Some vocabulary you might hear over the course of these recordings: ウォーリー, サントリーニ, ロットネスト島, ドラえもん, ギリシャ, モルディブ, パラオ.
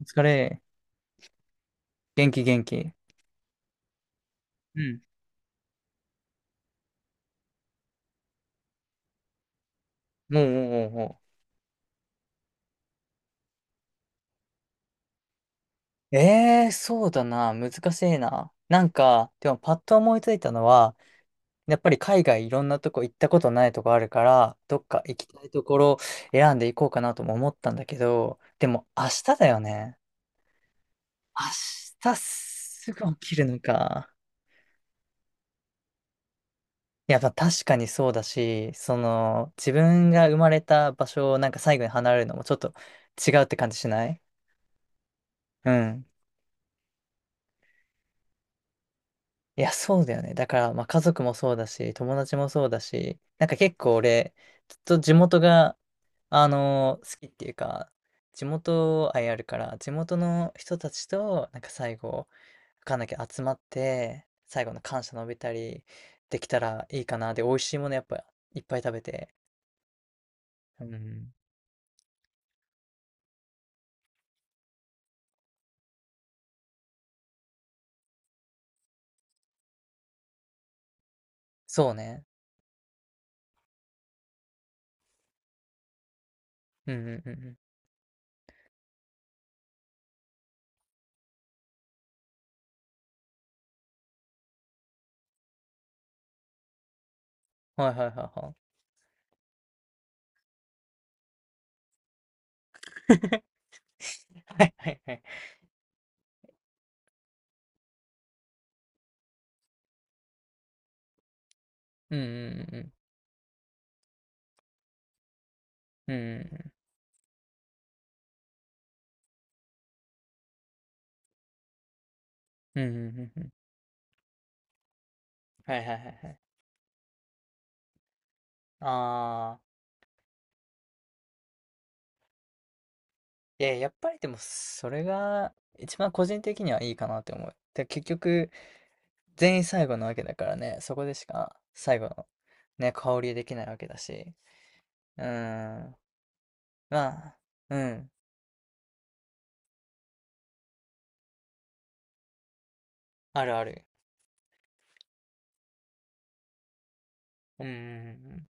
お疲れ。元気元気。うん。もうもうもう。ええー、そうだな。難しいな。なんか、でもパッと思いついたのは、やっぱり海外いろんなとこ行ったことないとこあるから、どっか行きたいところ選んでいこうかなとも思ったんだけど、でも明日だよね。明日すぐ起きるのか。いや、まあ確かにそうだし、その、自分が生まれた場所をなんか最後に離れるのもちょっと違うって感じしない？うん。いや、そうだよね。だから、まあ、家族もそうだし、友達もそうだし、なんか結構俺、ずっと地元が、好きっていうか、地元愛あるから、地元の人たちと、なんか最後、わかんなきゃ集まって、最後の感謝述べたりできたらいいかな。で、美味しいものやっぱいっぱい食べて。うん。そうね。うんうんうんうん。はいはいはいはい。はいはいはい。うんうんうんうん。うんうんうんうん。うんうんうんうん。はいはいはいはい。ああ。いや、やっぱりでも、それが一番個人的にはいいかなって思う。で、結局、全員最後なわけだからね、そこでしか最後のね、香りできないわけだし。うーん、まあ、うん、あるある。うんうんうんうん。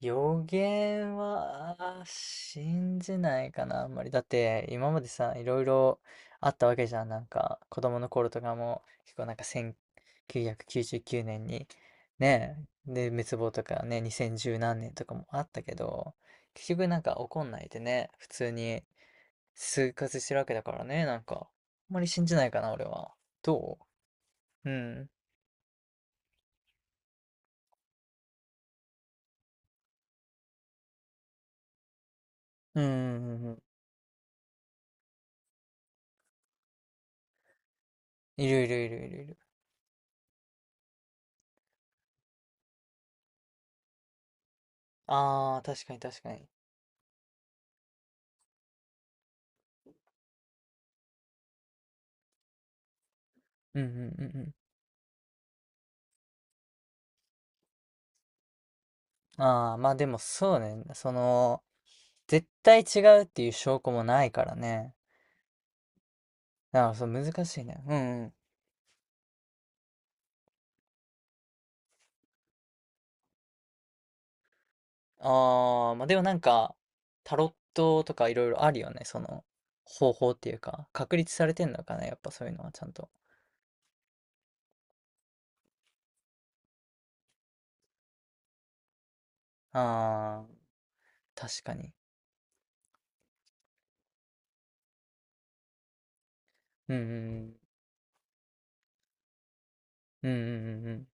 予言は信じないかな、あんまり。だって今までさ、いろいろあったわけじゃん。なんか子供の頃とかも結構なんか1999年にねえ、で滅亡とかね、2010何年とかもあったけど、結局なんか起こんないでね、普通に生活してるわけだからね、なんかあんまり信じないかな、俺は。どうん。うんうんうんうん。いるいるいるいるいる。ああ、確かに確かに。うんうんうんうん。ああ、まあでもそうね。その、絶対違うっていう証拠もないからね。ああ、そう、難しいね。うんうん。ああ、まあでもなんか、タロットとかいろいろあるよね。その、方法っていうか、確立されてんのかな。やっぱそういうのはちゃんと。ああ、確かに。うんうんうん。うんうんうんうん。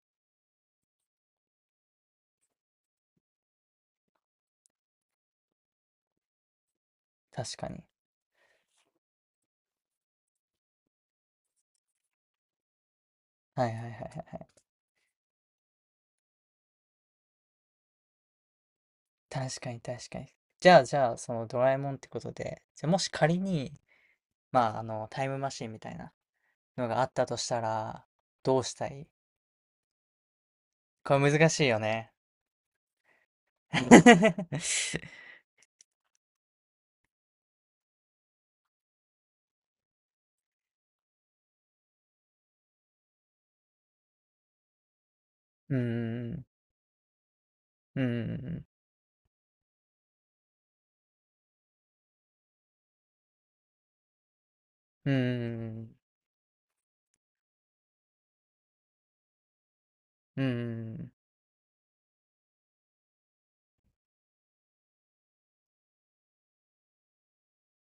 確かに。はいはいはいはいはい。確かに確かに。じゃあ、そのドラえもんってことで、じゃあもし仮に、まああの、タイムマシンみたいなのがあったとしたら、どうしたい？これ難しいよね。うーん、うーん、うーん、うーん。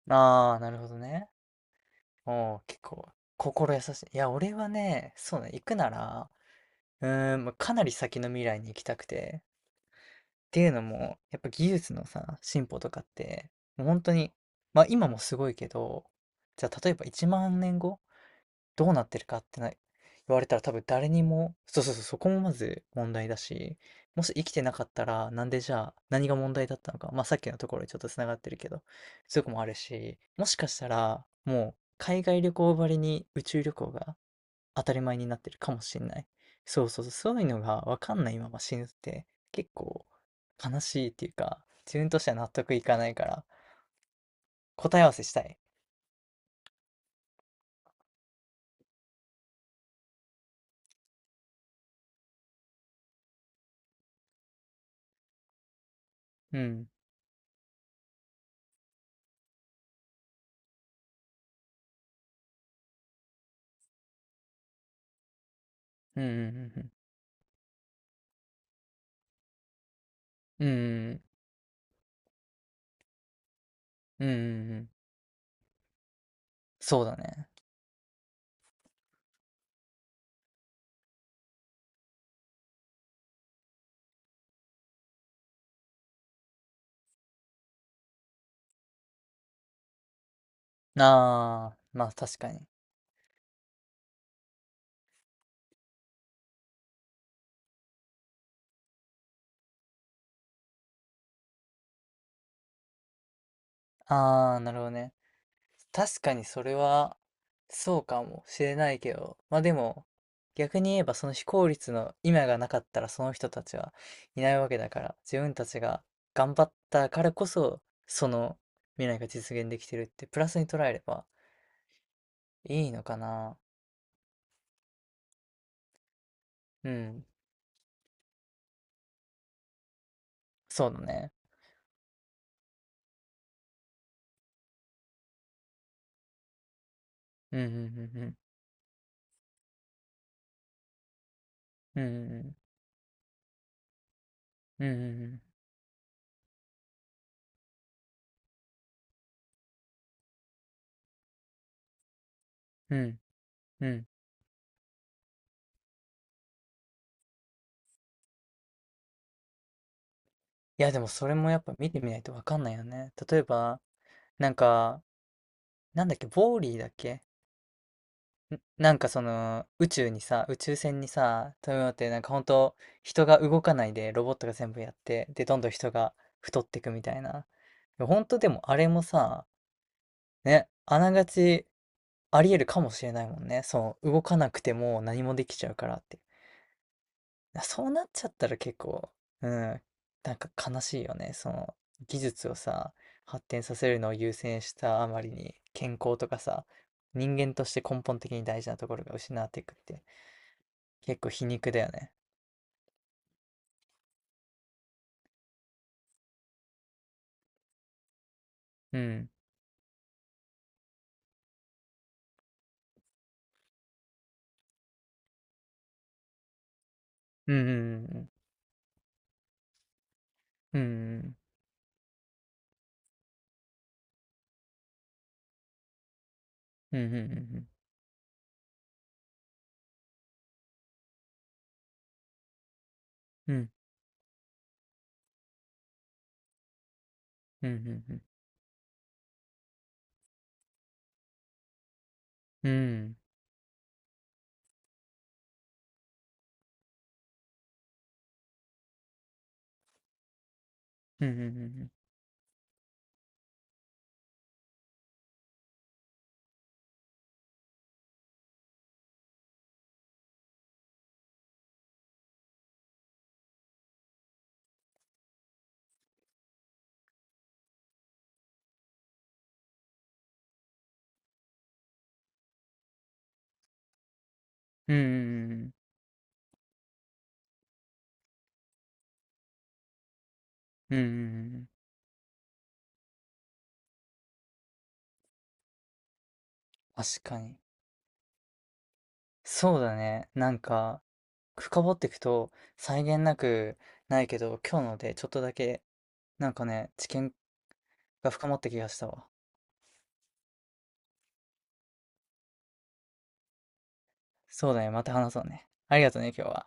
ああ、なるほどね。おお、結構、心優しい。いや、俺はね、そうね、行くなら、うーん、まあかなり先の未来に行きたくて。っていうのも、やっぱ技術のさ、進歩とかって、もう本当に、まあ今もすごいけど、じゃあ例えば1万年後どうなってるかってな言われたら多分誰にも、そうそうそう、そこもまず問題だし、もし生きてなかったら、なんでじゃあ何が問題だったのか、まあさっきのところにちょっとつながってるけど、そういうとこともあるし、もしかしたらもう海外旅行ばりに宇宙旅行が当たり前になってるかもしんない。そうそうそう、そういうのがわかんないまま死ぬって結構悲しいっていうか、自分としては納得いかないから答え合わせしたい。うん。うんうんうんうん。うんうんうんうんうん。そうだね。ああ、まあ確かに。ああ、なるほどね。確かにそれは、そうかもしれないけど、まあでも、逆に言えばその非効率の今がなかったらその人たちはいないわけだから、自分たちが頑張ったからこそ、その未来が実現できてるって、プラスに捉えればいいのかな。うん、そうだね。うん、うん、うん、うん、うん、うん、うん、うん、うん。うんうん。いや、でもそれもやっぱ見てみないとわかんないよね。例えば、なんか、なんだっけ、ウォーリーだっけ？なんかその、宇宙にさ、宇宙船にさ、飛び乗って、なんか本当人が動かないで、ロボットが全部やって、で、どんどん人が太っていくみたいな。本当でもあれもさ、ね、あながちありえるかもしれないもんね。そう、動かなくても何もできちゃうからって。そうなっちゃったら結構、うん、なんか悲しいよね。その技術をさ、発展させるのを優先したあまりに健康とかさ、人間として根本的に大事なところが失われていくって結構皮肉だよね。うん。うんうんうんうんうんうんうんうんうんうんうんうんうんうんうんうんうんうんうんうんうんうんうんうんうん。確かに。そうだね。なんか、深掘っていくと、際限なくないけど、今日のでちょっとだけ、なんかね、知見が深まった気がしたわ。そうだね、また話そうね。ありがとうね、今日は。